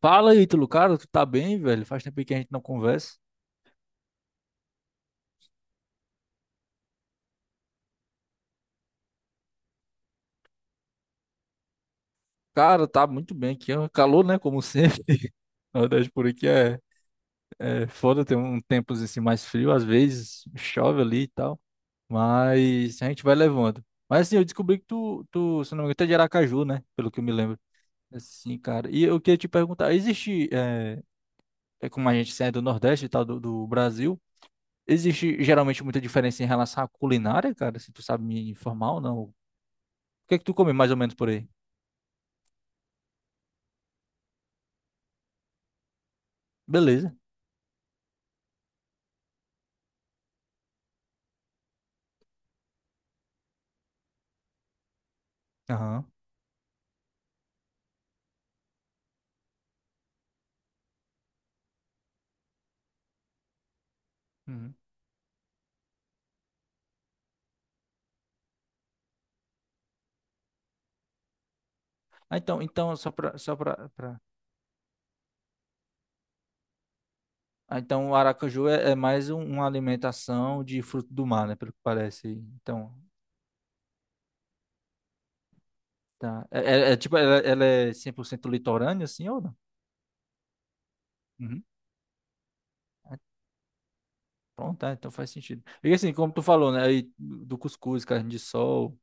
Fala, Ítalo, cara, tu tá bem, velho? Faz tempo aí que a gente não conversa. Cara, tá muito bem aqui. É um calor, né? Como sempre. Na verdade, por aqui é foda ter um tempos assim mais frio. Às vezes chove ali e tal. Mas a gente vai levando. Mas assim, eu descobri que tu, se não me engano, tu é de Aracaju, né? Pelo que eu me lembro. Assim, cara. E eu queria te perguntar: existe, é como a gente é do Nordeste e tal, do Brasil, existe geralmente muita diferença em relação à culinária, cara? Se tu sabe me informar ou não? O que é que tu come mais ou menos por aí? Beleza. Aham. Uhum. Ah, então só para. Ah, então o Aracaju é mais uma alimentação de fruto do mar, né, pelo que parece. Então, tá. É tipo ela é 100% litorânea assim ou não? Uhum. Ah, pronto, tá, então faz sentido. E assim, como tu falou, né, aí do cuscuz, carne de sol.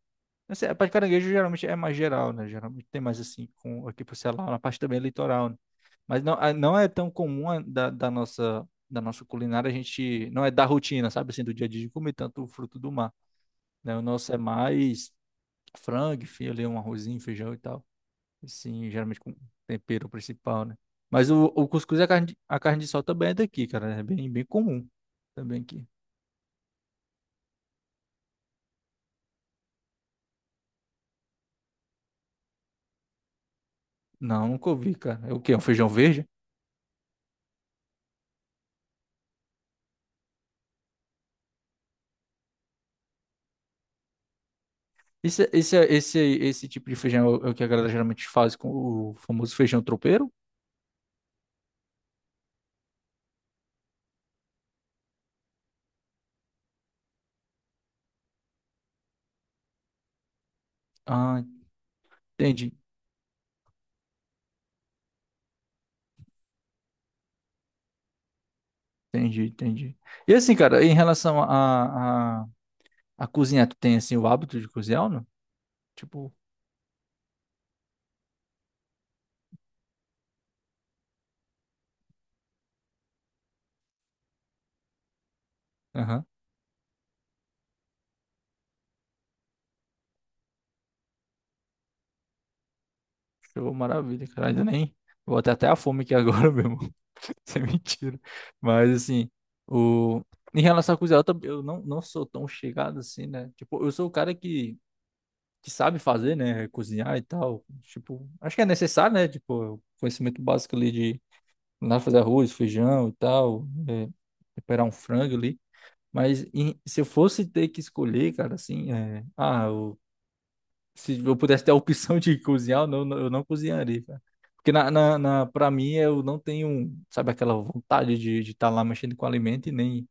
Assim, a parte de caranguejo geralmente é mais geral, né? Geralmente tem mais assim com aqui pro Ceará, na parte também é litoral. Mas não, não é tão comum da nossa culinária. A gente não é da rotina, sabe assim, do dia a dia de comer tanto o fruto do mar, né? O nosso é mais frango, enfim filé, um arrozinho, feijão e tal. Assim, geralmente com tempero principal, né? Mas o cuscuz e a carne, a carne de sol também é daqui, cara, né? É bem bem comum também aqui. Não, nunca ouvi, cara. É o quê? É um feijão verde? Esse tipo de feijão é o que a galera geralmente faz com o famoso feijão tropeiro? Ah, entendi. Entendi, entendi. E assim, cara, em relação a cozinhar, tu tem assim o hábito de cozinhar ou não? Tipo, aham, show, maravilha, cara, ainda nem. Vou até a fome aqui agora mesmo, isso é mentira. Mas assim, o... em relação a cozinhar, eu não sou tão chegado assim, né? Tipo, eu sou o cara que sabe fazer, né? Cozinhar e tal. Tipo, acho que é necessário, né? Tipo, conhecimento básico ali de lá fazer arroz, feijão e tal, temperar um frango ali. Mas se eu fosse ter que escolher, cara, assim, se eu pudesse ter a opção de cozinhar, eu não cozinharia, cara. Porque pra mim, eu não tenho, sabe, aquela vontade de estar lá mexendo com alimento e nem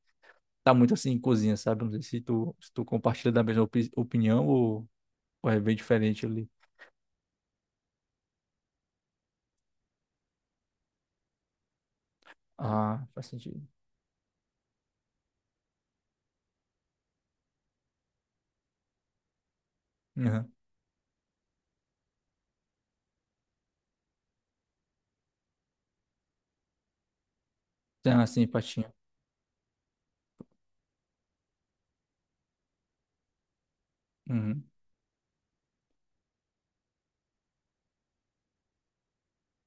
tá muito assim em cozinha, sabe? Não sei se tu compartilha da mesma opinião ou é bem diferente ali. Ah, faz sentido. Uhum. Tem assim, empatia. Uhum.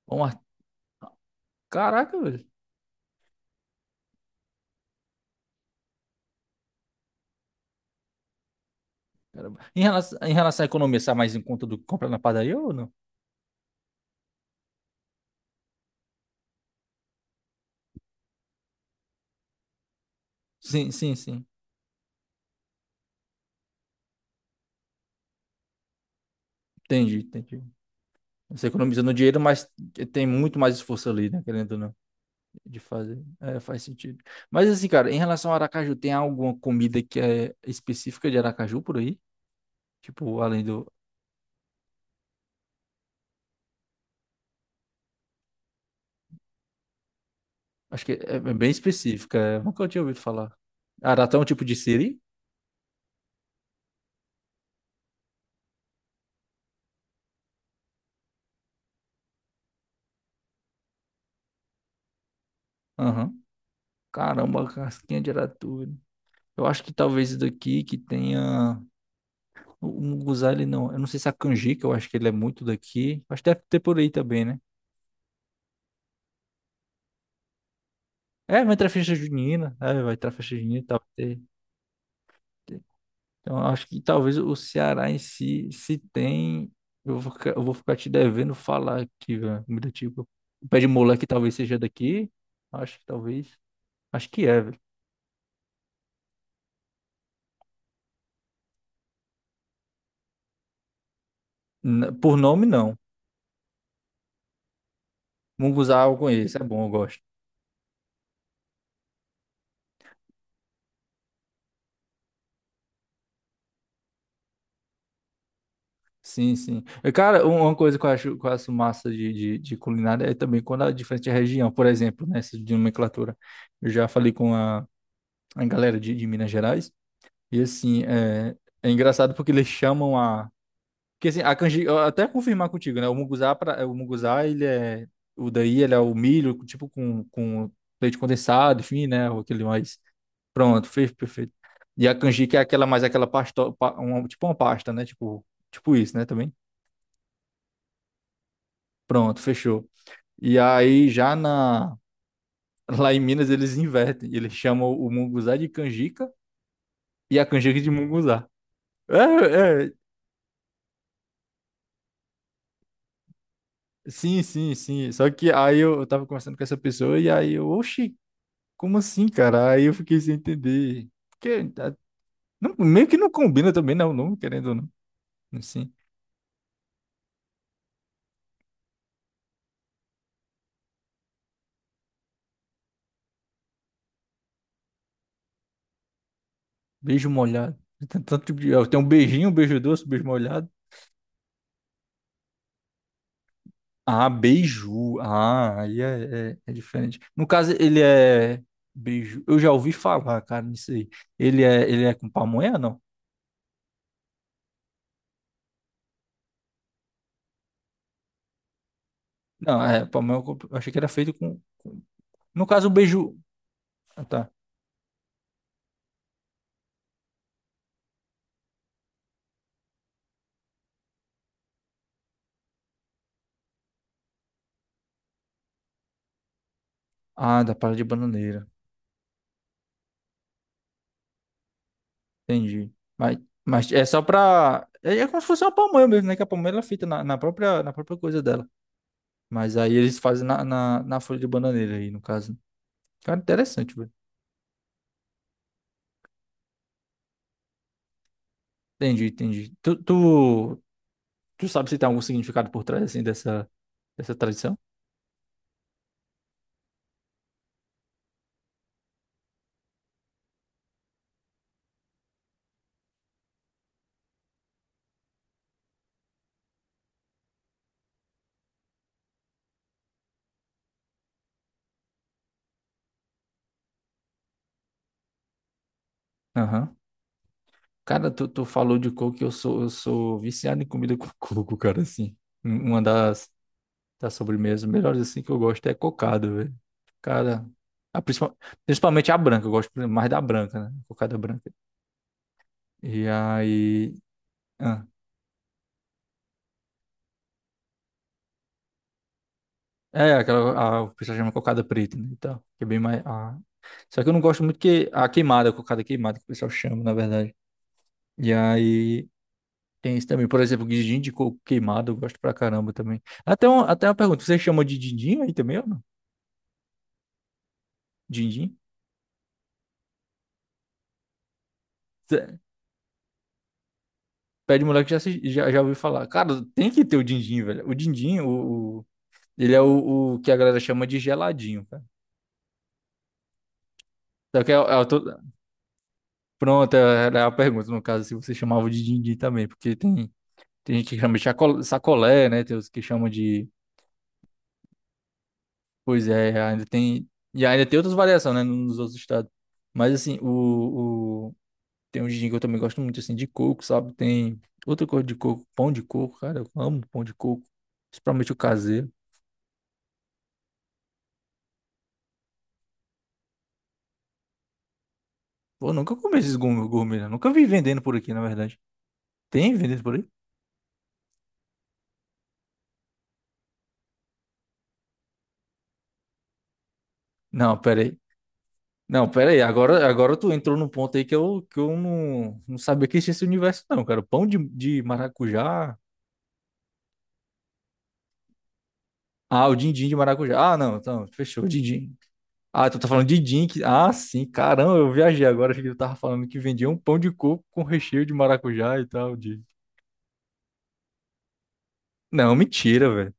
Bom, ah, caraca, velho. Em relação à economia, sai mais em conta do que comprar na padaria ou não? Sim, sim, sim. Entendi, entendi. Você economizando dinheiro, mas tem muito mais esforço ali, né? Querendo ou não, de fazer. É, faz sentido. Mas assim, cara, em relação ao Aracaju, tem alguma comida que é específica de Aracaju por aí? Tipo, além do. Acho que é bem específica. Nunca eu tinha ouvido falar. Aratá é um tipo de siri? Aham. Caramba, casquinha de aratu. Eu acho que talvez daqui que tenha. O munguzá, ele não. Eu não sei se é a canjica, eu acho que ele é muito daqui. Acho que deve ter por aí também, né? É, vai entrar festa junina. É, vai entrar festa junina, tal. Ter- ter. Então, eu acho que talvez o Ceará em si, se tem. Eu vou ficar te devendo falar aqui, velho. Comida tipo. O pé de moleque talvez seja daqui. Acho que talvez. Acho que é, velho. Por nome, não. Munguzá eu conheço, é bom, eu gosto. Sim, sim. E, cara, uma coisa que eu acho massa de culinária é também quando é diferente de região, por exemplo, né, essa de nomenclatura. Eu já falei com a galera de Minas Gerais, e assim, é engraçado porque eles chamam a. Porque assim, a canjica, eu até confirmar contigo, né, o munguzá, ele é. O daí, ele é o milho, tipo, com leite condensado, enfim, né, ou aquele mais. Pronto, fez, perfeito. E a canjica é aquela mais aquela pasta, tipo uma pasta, né, tipo isso, né, também. Pronto, fechou. E aí já na Lá em Minas eles invertem, eles chamam o munguzá de canjica e a canjica de munguzá. É, é, sim, sim, sim. Só que aí eu tava conversando com essa pessoa e aí eu, oxi, como assim, cara? Aí eu fiquei sem entender. Porque tá, meio que não combina também, não, não, querendo ou não. Assim, beijo molhado. Tem tanto, eu tenho um beijinho, um beijo doce, um beijo molhado. Ah, beiju. Ah, aí é diferente. No caso, ele é beiju. Eu já ouvi falar, cara, nisso aí. Ele é com pamonha, não? Não, é pamonha. Eu achei que era feito com. No caso, o beiju. Ah, tá. Ah, da palha de bananeira. Entendi. Mas, mas é só pra. É como se fosse uma pamonha mesmo, né? Que a pamonha ela é feita na própria coisa dela. Mas aí eles fazem na folha de bananeira aí, no caso. Cara, interessante, velho. Entendi, entendi. Tu sabe se tem algum significado por trás, assim, dessa tradição? Aham. Cara, tu falou de coco e eu sou viciado em comida com coco, cara, assim. Uma das sobremesas melhores, assim, que eu gosto é cocada, velho. Cara, a principal- principalmente a branca, eu gosto mais da branca, né? Cocada branca. E aí, ah, é, aquela, a, o pessoal chama cocada preta, né? Então, que é bem mais. Ah. Só que eu não gosto muito que a queimada, a cocada queimada, que o pessoal chama, na verdade. E aí. Tem isso também. Por exemplo, guindinho de coco queimado, eu gosto pra caramba também. Até uma pergunta, você chama de dindim aí também ou não? Dindim? Cê- Pede moleque já, se- já, já ouviu falar. Cara, tem que ter o dindim, velho. O dindim, ele é o que a galera chama de geladinho, cara. Só que pronto, era a pergunta, no caso, se você chamava de dindim também, porque tem gente que chama de sacolé, né? Tem os que chamam de. Pois é, ainda tem. E ainda tem outras variações, né? Nos outros estados. Mas assim, tem um gin que eu também gosto muito, assim, de coco, sabe? Tem outra coisa de coco, pão de coco, cara, eu amo pão de coco. Principalmente o caseiro. Pô, eu nunca comi esses gourmet, gourmet, né? Nunca vi vendendo por aqui, na verdade. Tem vendendo por aí? Não, pera aí. Não, pera aí. Agora tu entrou num ponto aí que eu, não sabia que existia esse universo, não, cara. Pão de maracujá. Ah, o din-din de maracujá. Ah, não, então, fechou, o din-din. Ah, tu tá falando de din que. Ah, sim, caramba, eu viajei agora, achei que tu tava falando que vendia um pão de coco com recheio de maracujá e tal, de. Não, mentira, velho.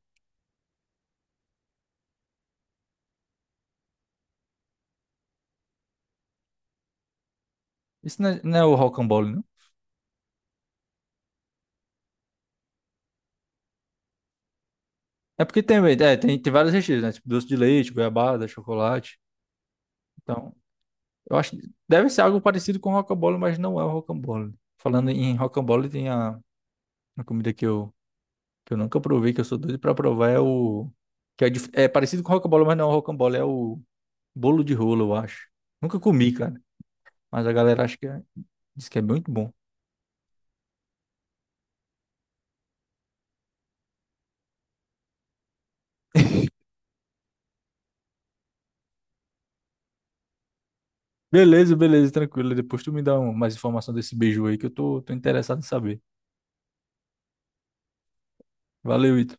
Isso não é o rocambole, não? É porque tem vários recheios, né? Tipo doce de leite, goiabada, chocolate. Então, eu acho que deve ser algo parecido com rocambole, mas não é o rocambole. Falando em rocambole, tem a comida que eu, nunca provei, que eu sou doido pra provar, é o. É parecido com rocambole, mas não é o rocambole, é o bolo de rolo, eu acho. Nunca comi, cara. Mas a galera diz que é muito bom. Beleza, beleza, tranquilo. Depois tu me dá mais informação desse beijo aí que eu tô interessado em saber. Valeu, Ito.